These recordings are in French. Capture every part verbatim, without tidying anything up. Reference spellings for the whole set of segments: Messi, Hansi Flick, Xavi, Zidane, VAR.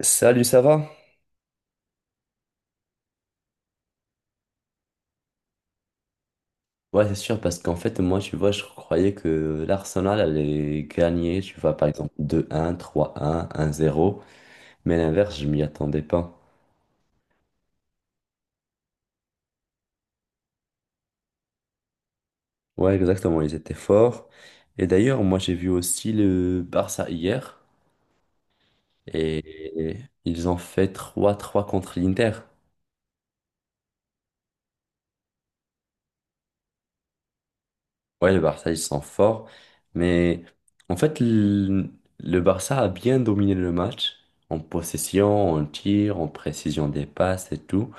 Salut, ça va? Ouais, c'est sûr, parce qu'en fait, moi, tu vois, je croyais que l'Arsenal allait gagner, tu vois, par exemple, deux un, trois un, un zéro. Mais à l'inverse, je m'y attendais pas. Ouais, exactement, ils étaient forts. Et d'ailleurs, moi, j'ai vu aussi le Barça hier, et ils ont fait trois trois contre l'Inter. Ouais, le Barça, ils sont forts, mais en fait, le, le Barça a bien dominé le match, en possession, en tir, en précision des passes et tout.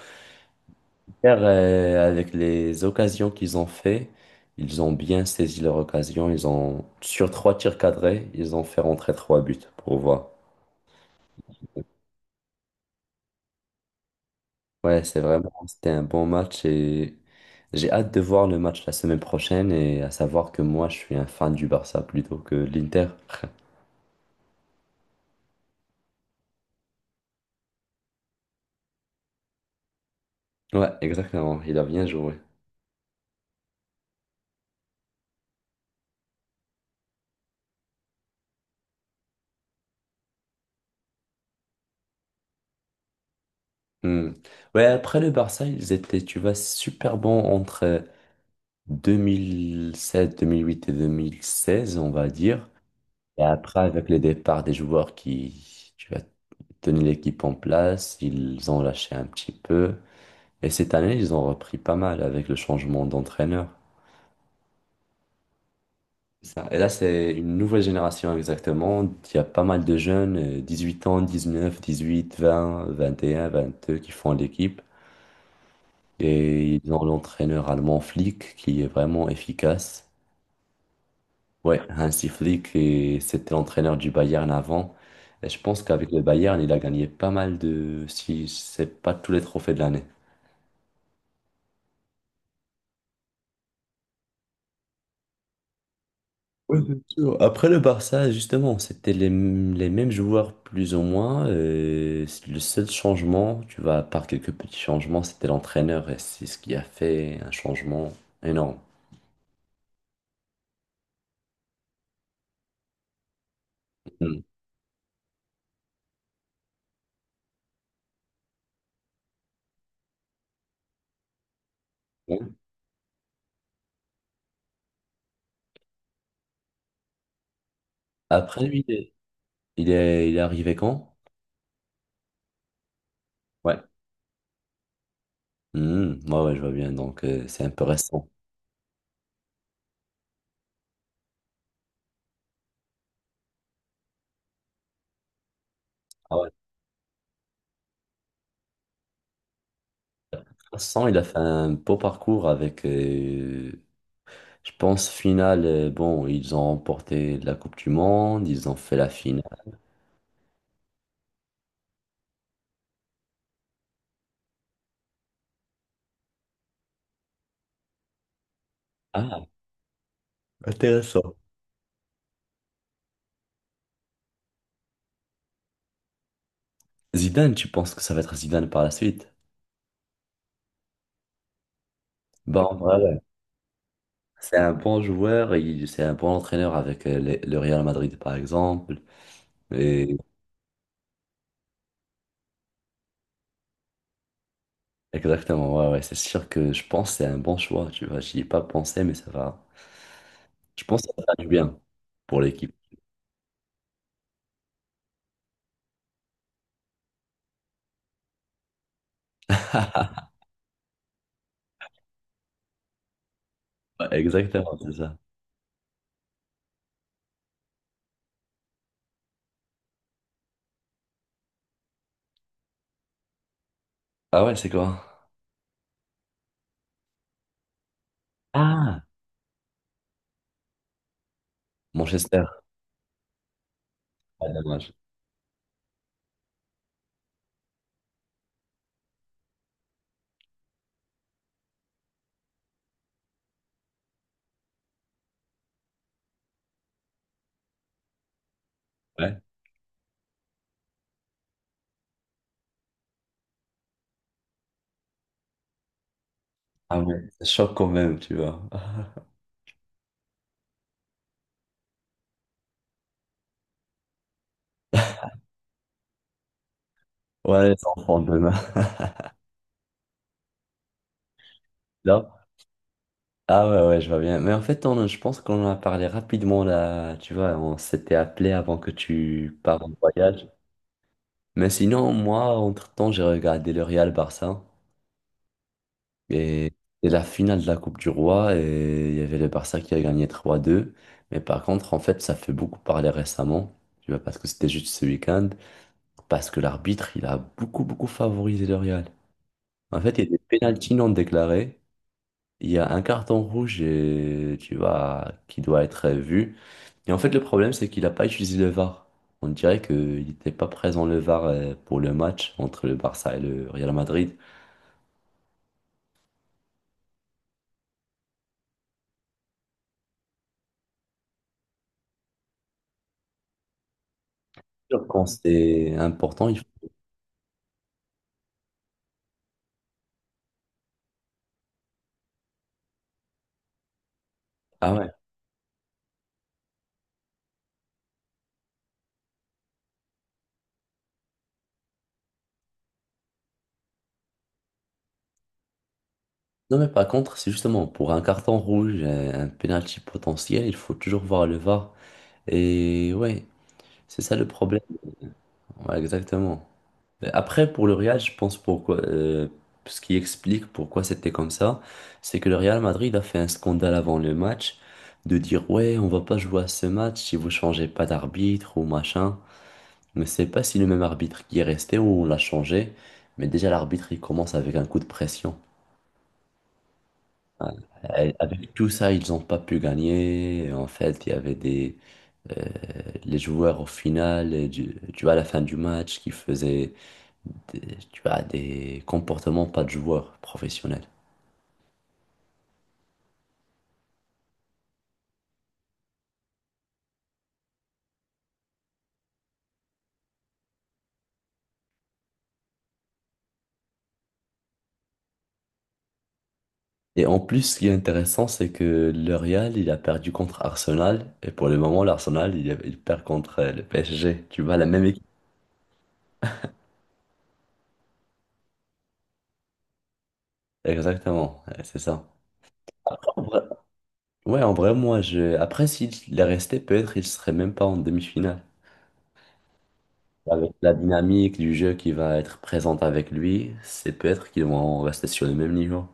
Car, euh, avec les occasions qu'ils ont fait, ils ont bien saisi leur occasion. Ils ont, sur trois tirs cadrés, ils ont fait rentrer trois buts pour voir. Ouais, c'est vraiment, c'était un bon match et j'ai hâte de voir le match la semaine prochaine et à savoir que moi, je suis un fan du Barça plutôt que de l'Inter. Ouais, exactement. Il a bien joué. Hmm. Ouais, après le Barça, ils étaient, tu vois, super bons entre deux mille sept, deux mille huit et deux mille seize, on va dire. Et après, avec le départ des joueurs qui, tu as tenu l'équipe en place, ils ont lâché un petit peu. Et cette année, ils ont repris pas mal avec le changement d'entraîneur. C'est ça. Et là, c'est une nouvelle génération exactement. Il y a pas mal de jeunes, euh, dix-huit ans, dix-neuf, dix-huit, vingt, vingt et un, vingt-deux, qui font l'équipe. Et ils ont l'entraîneur allemand Flick qui est vraiment efficace. Ouais, Hansi Flick, et c'était l'entraîneur du Bayern avant. Et je pense qu'avec le Bayern, il a gagné pas mal de, si c'est pas tous les trophées de l'année. Ouais, bien sûr. Après le Barça, justement, c'était les, m- les mêmes joueurs plus ou moins. Euh, c'est le seul changement, tu vois, à part quelques petits changements, c'était l'entraîneur. Et c'est ce qui a fait un changement énorme. Mm. Ouais. Après, lui, il est, il est, il est arrivé quand? Ouais. Mm, ouais, ouais, je vois bien. Donc, euh, c'est un peu récent. Ah ouais. Vincent, il a fait un beau parcours avec, euh, je pense, finale. euh, Bon, ils ont remporté la Coupe du Monde, ils ont fait la finale. Ah, Zidane, tu penses que ça va être Zidane par la suite? Bah, en vrai, ouais. C'est un bon joueur, il- c'est un bon entraîneur avec euh, le, le Real Madrid, par exemple. Et exactement, ouais, ouais, c'est sûr que je pense que c'est un bon choix, tu vois. J'y ai pas pensé, mais ça va. Je pense que ça va faire du bien pour l'équipe. Ouais, exactement, c'est ça. Ah ouais, c'est quoi? Ah, Manchester. Ah, dommage. Ouais. Ah ouais, ça choque quand même, tu vois. Ouais, les enfants demain. Non? Ah ouais, ouais, je vois bien. Mais en fait, on, je pense qu'on en a parlé rapidement là, tu vois, on s'était appelé avant que tu pars en voyage. Mais sinon, moi, entre-temps, j'ai regardé le Real Barça et c'est la finale de la Coupe du Roi et il y avait le Barça qui a gagné trois à deux. Mais par contre, en fait, ça fait beaucoup parler récemment, tu vois, parce que c'était juste ce week-end, parce que l'arbitre, il a beaucoup, beaucoup favorisé le Real. En fait, il y a des pénaltys non déclarés. Il y a un carton rouge et tu vois, qui doit être vu. Et en fait, le problème, c'est qu'il n'a pas utilisé le V A R. On dirait qu'il n'était pas présent le V A R euh, pour le match entre le Barça et le Real Madrid. Sûr, quand c'est important, il faut... Ah ouais. Non, mais par contre, c'est justement pour un carton rouge, euh, un penalty potentiel, il faut toujours voir le V A R. Et ouais, c'est ça le problème. Ouais, exactement. Mais après, pour le Real, je pense pourquoi, euh, ce qui explique pourquoi c'était comme ça, c'est que le Real Madrid a fait un scandale avant le match de dire ouais, on va pas jouer à ce match si vous changez pas d'arbitre ou machin. Mais c'est pas si le même arbitre qui est resté ou on l'a changé, mais déjà l'arbitre il commence avec un coup de pression. Ouais. Euh, Avec tout ça, ils n'ont pas pu gagner. En fait, il y avait des euh, les joueurs au final, euh, du, tu vois, à la fin du match, qui faisaient des- tu as des comportements pas de joueurs professionnels. Et en plus, ce qui est intéressant, c'est que le Real, il a perdu contre Arsenal. Et pour le moment, l'Arsenal, il, il perd contre euh, le P S G. Tu vois, la même équipe. Exactement, ouais, c'est ça. Après, en vrai- ouais, en vrai, moi, je... Après, s'il est resté, peut-être il serait même pas en demi-finale. Avec la dynamique du jeu qui va être présente avec lui, c'est peut-être qu'ils vont rester sur le même niveau.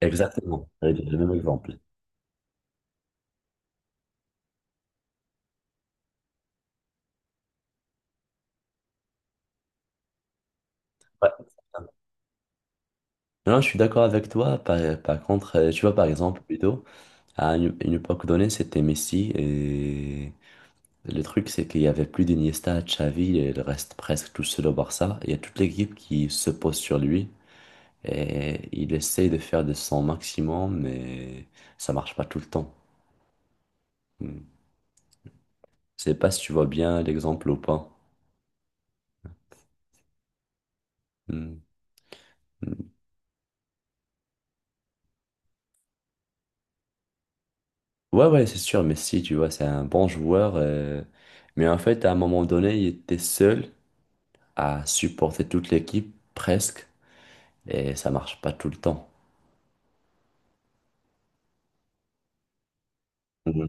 Exactement, j'allais dire le même exemple. Ouais. Non, je suis d'accord avec toi. Par, par contre, euh, tu vois, par exemple, plutôt, à une, une époque donnée, c'était Messi. Et le truc, c'est qu'il y avait plus d'Iniesta, Xavi, et il reste presque tout seul au Barça. Il y a toute l'équipe qui se pose sur lui. Et il essaye de faire de son maximum, mais ça marche pas tout le temps. Hmm. Je sais pas si tu vois bien l'exemple ou pas. Hmm. Hmm. Ouais, ouais, c'est sûr, Messi, tu vois, c'est un bon joueur. euh, Mais en fait, à un moment donné, il était seul. À supporter toute l'équipe presque et ça marche pas tout le temps. Mhm.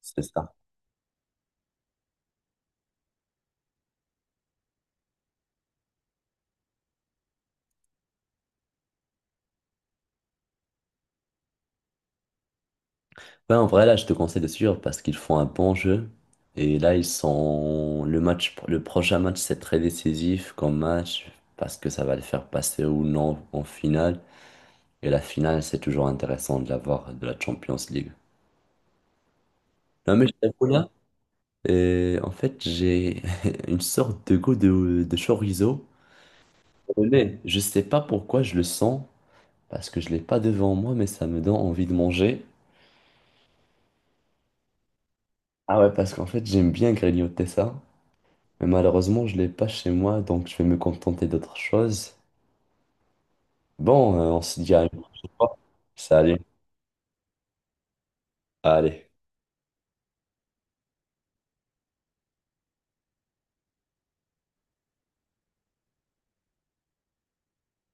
C'est ça. Ouais, en vrai, là, je te conseille de suivre parce qu'ils font un bon jeu. Et là, ils sont. Le match, le prochain match, c'est très décisif comme match parce que ça va les faire passer ou non en finale. Et la finale, c'est toujours intéressant de la voir de la Champions League. Non, mais je t'avoue là, euh, en fait, j'ai une sorte de goût de, de chorizo. Mais je sais pas pourquoi je le sens. Parce que je l'ai pas devant moi, mais ça me donne envie de manger. Ah ouais, parce qu'en fait, j'aime bien grignoter ça, mais malheureusement, je l'ai pas chez moi, donc je vais me contenter d'autre chose. Bon, euh, on se dit à une prochaine fois. Salut. Allez.